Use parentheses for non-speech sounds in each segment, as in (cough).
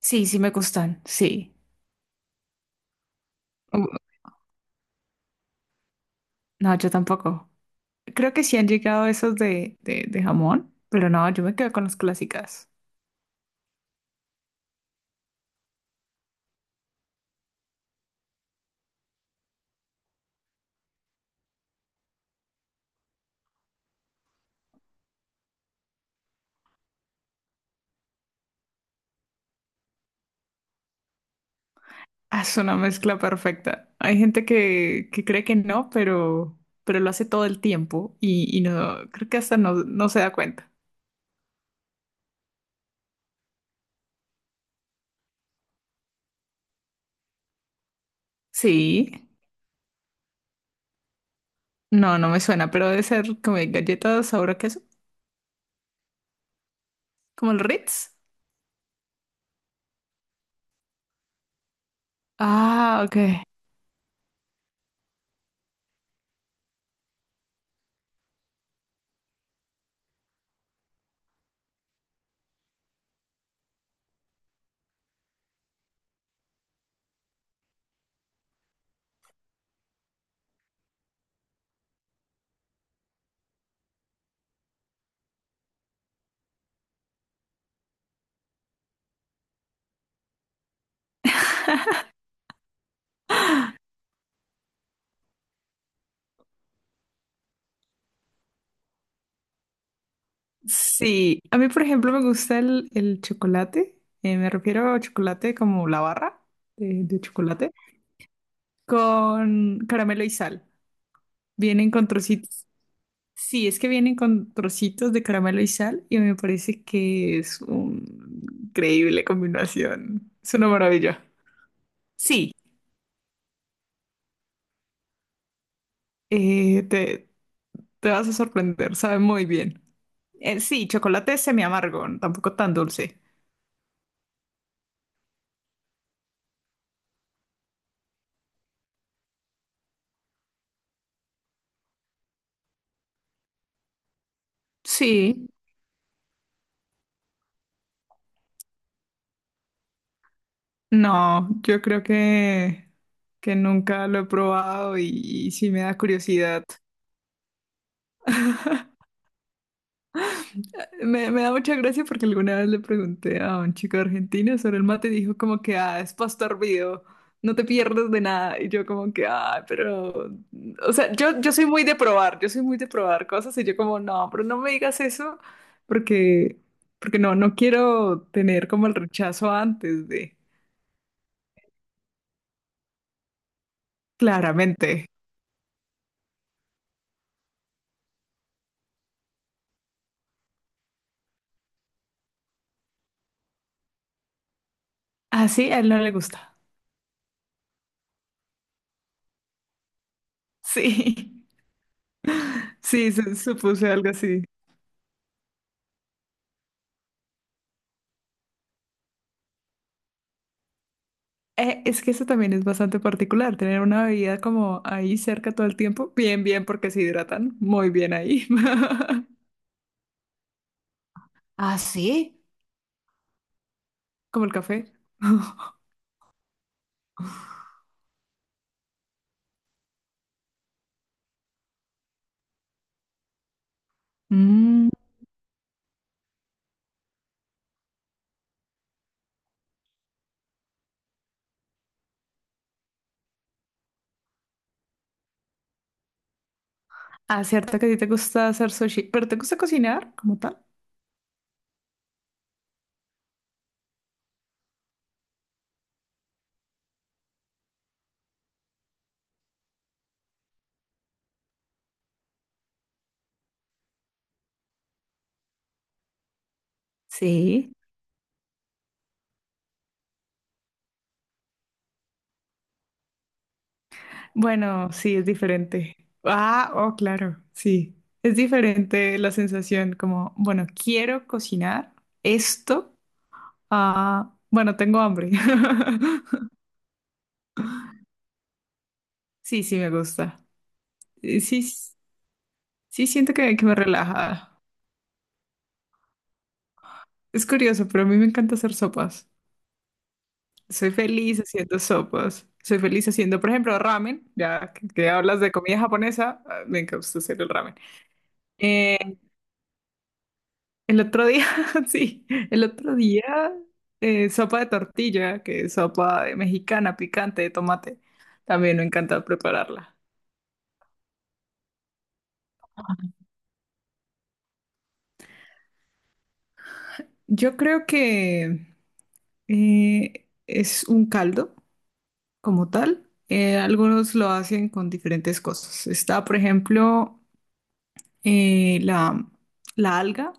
Sí, sí me gustan, sí. Uh, No, yo tampoco. Creo que sí han llegado esos de jamón, pero no, yo me quedo con las clásicas. Ah, es una mezcla perfecta. Hay gente que cree que no, pero lo hace todo el tiempo y no, creo que hasta no, no se da cuenta. Sí, no, no me suena, pero debe ser como de galletas sabor a queso, como el Ritz. Ah, ok. Sí, a mí, por ejemplo, me gusta el chocolate. Me refiero a chocolate como la barra de chocolate con caramelo y sal. Vienen con trocitos. Sí, es que vienen con trocitos de caramelo y sal y me parece que es una increíble combinación. Es una maravilla. Sí, eh, te, te vas a sorprender, sabe muy bien. Sí, chocolate semi amargo, tampoco tan dulce. Sí. No, yo creo que nunca lo he probado y sí me da curiosidad. Me da mucha gracia porque alguna vez le pregunté a un chico argentino sobre el mate y dijo como que, ah, es pasto hervido, no te pierdes de nada. Y yo como que, ah, pero, o sea, yo soy muy de probar, yo soy muy de probar cosas y yo como, no, pero no me digas eso porque, porque no, no quiero tener como el rechazo antes de, claramente. Así a él no le gusta. (laughs) Sí. Sí, supuse algo así. Es que eso también es bastante particular, tener una bebida como ahí cerca todo el tiempo. Bien, bien, porque se hidratan muy bien ahí. (laughs) ¿Ah, sí? Como el café. (laughs) Mm, ah, cierto que a ti te gusta hacer sushi, pero ¿te gusta cocinar como tal? Sí. Bueno, sí, es diferente. Ah, oh, claro, sí. Es diferente la sensación como, bueno, quiero cocinar esto. Ah, bueno, tengo hambre. (laughs) Sí, sí, me gusta. Eh, Sí, s- sí, siento que me relaja. Es curioso, pero a mí me encanta hacer sopas. Soy feliz haciendo sopas. Soy feliz haciendo, por ejemplo, ramen. Ya que hablas de comida japonesa, ah, me encanta hacer el ramen. Eh, el otro día, (laughs) sí, el otro día, sopa de tortilla, que es sopa de mexicana picante de tomate. También me encanta prepararla. Yo creo que es un caldo como tal. Algunos lo hacen con diferentes cosas. Está, por ejemplo, eh, la, la alga,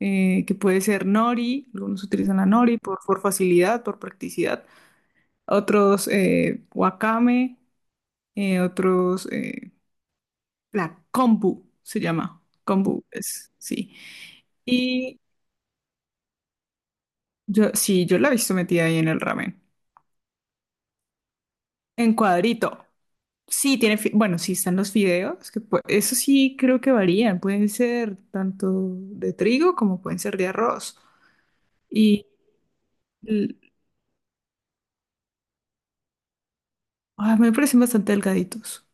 que puede ser nori. Algunos utilizan la nori por facilidad, por practicidad. Otros wakame, otros la kombu se llama. Kombu es, sí. Y yo, sí, yo la he visto metida ahí en el ramen. En cuadrito. Sí, tiene, bueno, sí están los fideos, que eso sí creo que varían, pueden ser tanto de trigo como pueden ser de arroz. Y l- me parecen bastante delgaditos.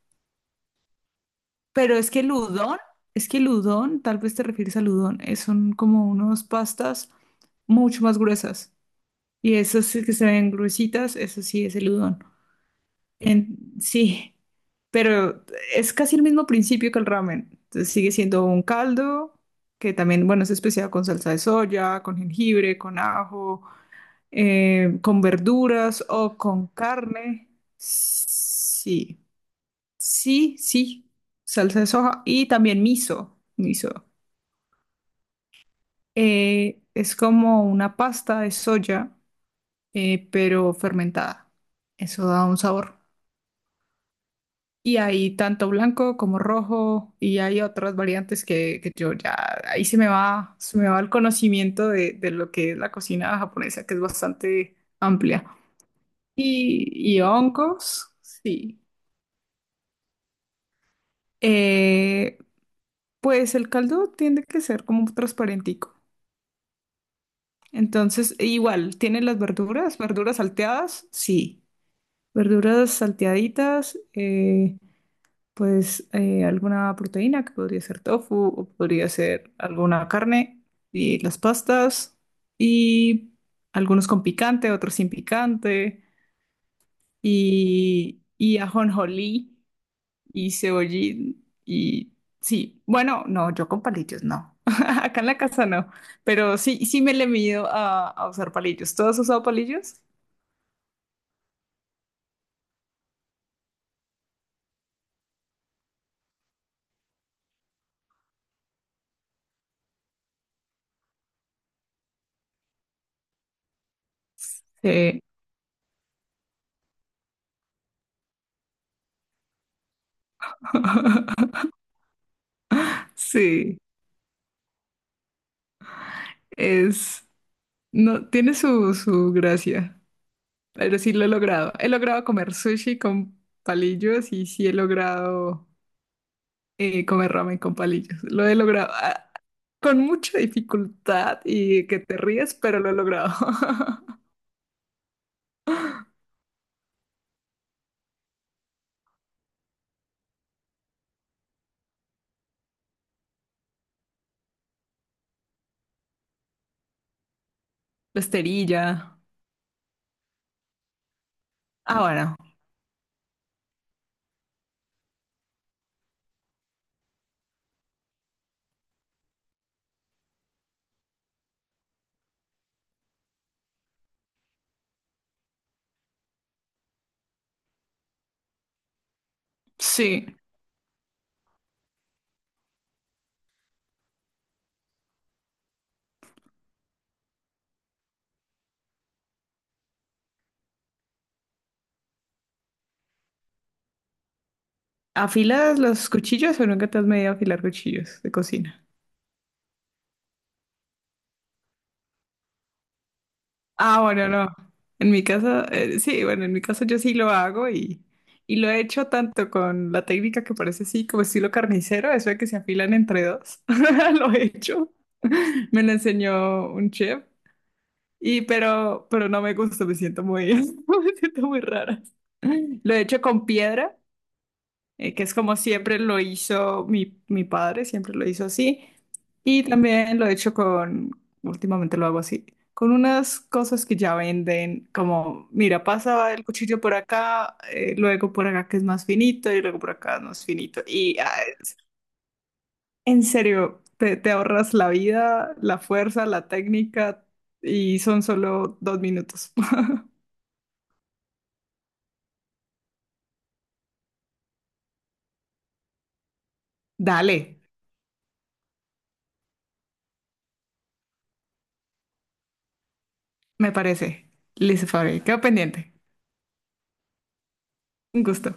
Pero es que el udon, es que el udon, tal vez te refieres al udon, son como unas pastas mucho más gruesas. Y esas sí que se ven gruesitas, eso sí es el udon. Sí, pero es casi el mismo principio que el ramen. Entonces sigue siendo un caldo que también, bueno, es especial con salsa de soya, con jengibre, con ajo, con verduras o con carne. Sí, sí, sí, salsa de soja y también miso. Miso. Es como una pasta de soya, pero fermentada. Eso da un sabor. Y hay tanto blanco como rojo y hay otras variantes que yo ya, ahí se me va el conocimiento de lo que es la cocina japonesa, que es bastante amplia. Y hongos, sí. Eh, pues el caldo tiende que ser como un transparentico. Entonces, igual, ¿tienen las verduras? ¿Verduras salteadas? Sí. Verduras salteaditas. Alguna proteína que podría ser tofu o podría ser alguna carne y las pastas y algunos con picante, otros sin picante y ajonjolí y cebollín y sí, bueno, no, yo con palillos no. (laughs) Acá en la casa no, pero sí, sí me le mido a usar palillos. ¿Tú has usado palillos? Sí. (laughs) Sí, es, no, tiene su gracia. Pero sí lo he logrado. He logrado comer sushi con palillos y sí he logrado comer ramen con palillos. Lo he logrado ah, con mucha dificultad y que te ríes, pero lo he logrado. (laughs) La esterilla. Ah, bueno. Sí. ¿Afilas los cuchillos o nunca te has medido a afilar cuchillos de cocina? Ah, bueno, no. En mi casa, sí, bueno, en mi caso yo sí lo hago y lo he hecho tanto con la técnica que parece así como estilo carnicero, eso de que se afilan entre dos. (laughs) Lo he hecho. (laughs) Me lo enseñó un chef y pero no me gusta, me siento muy (laughs) me siento muy rara. Lo he hecho con piedra que es como siempre lo hizo mi, mi padre, siempre lo hizo así. Y también lo he hecho con, últimamente lo hago así, con unas cosas que ya venden, como, mira, pasa el cuchillo por acá, luego por acá que es más finito y luego por acá es más finito. Y ah, en serio, te ahorras la vida, la fuerza, la técnica y son solo 2 minutos. (laughs) Dale, me parece. Liz Fabre, quedo pendiente. Un gusto.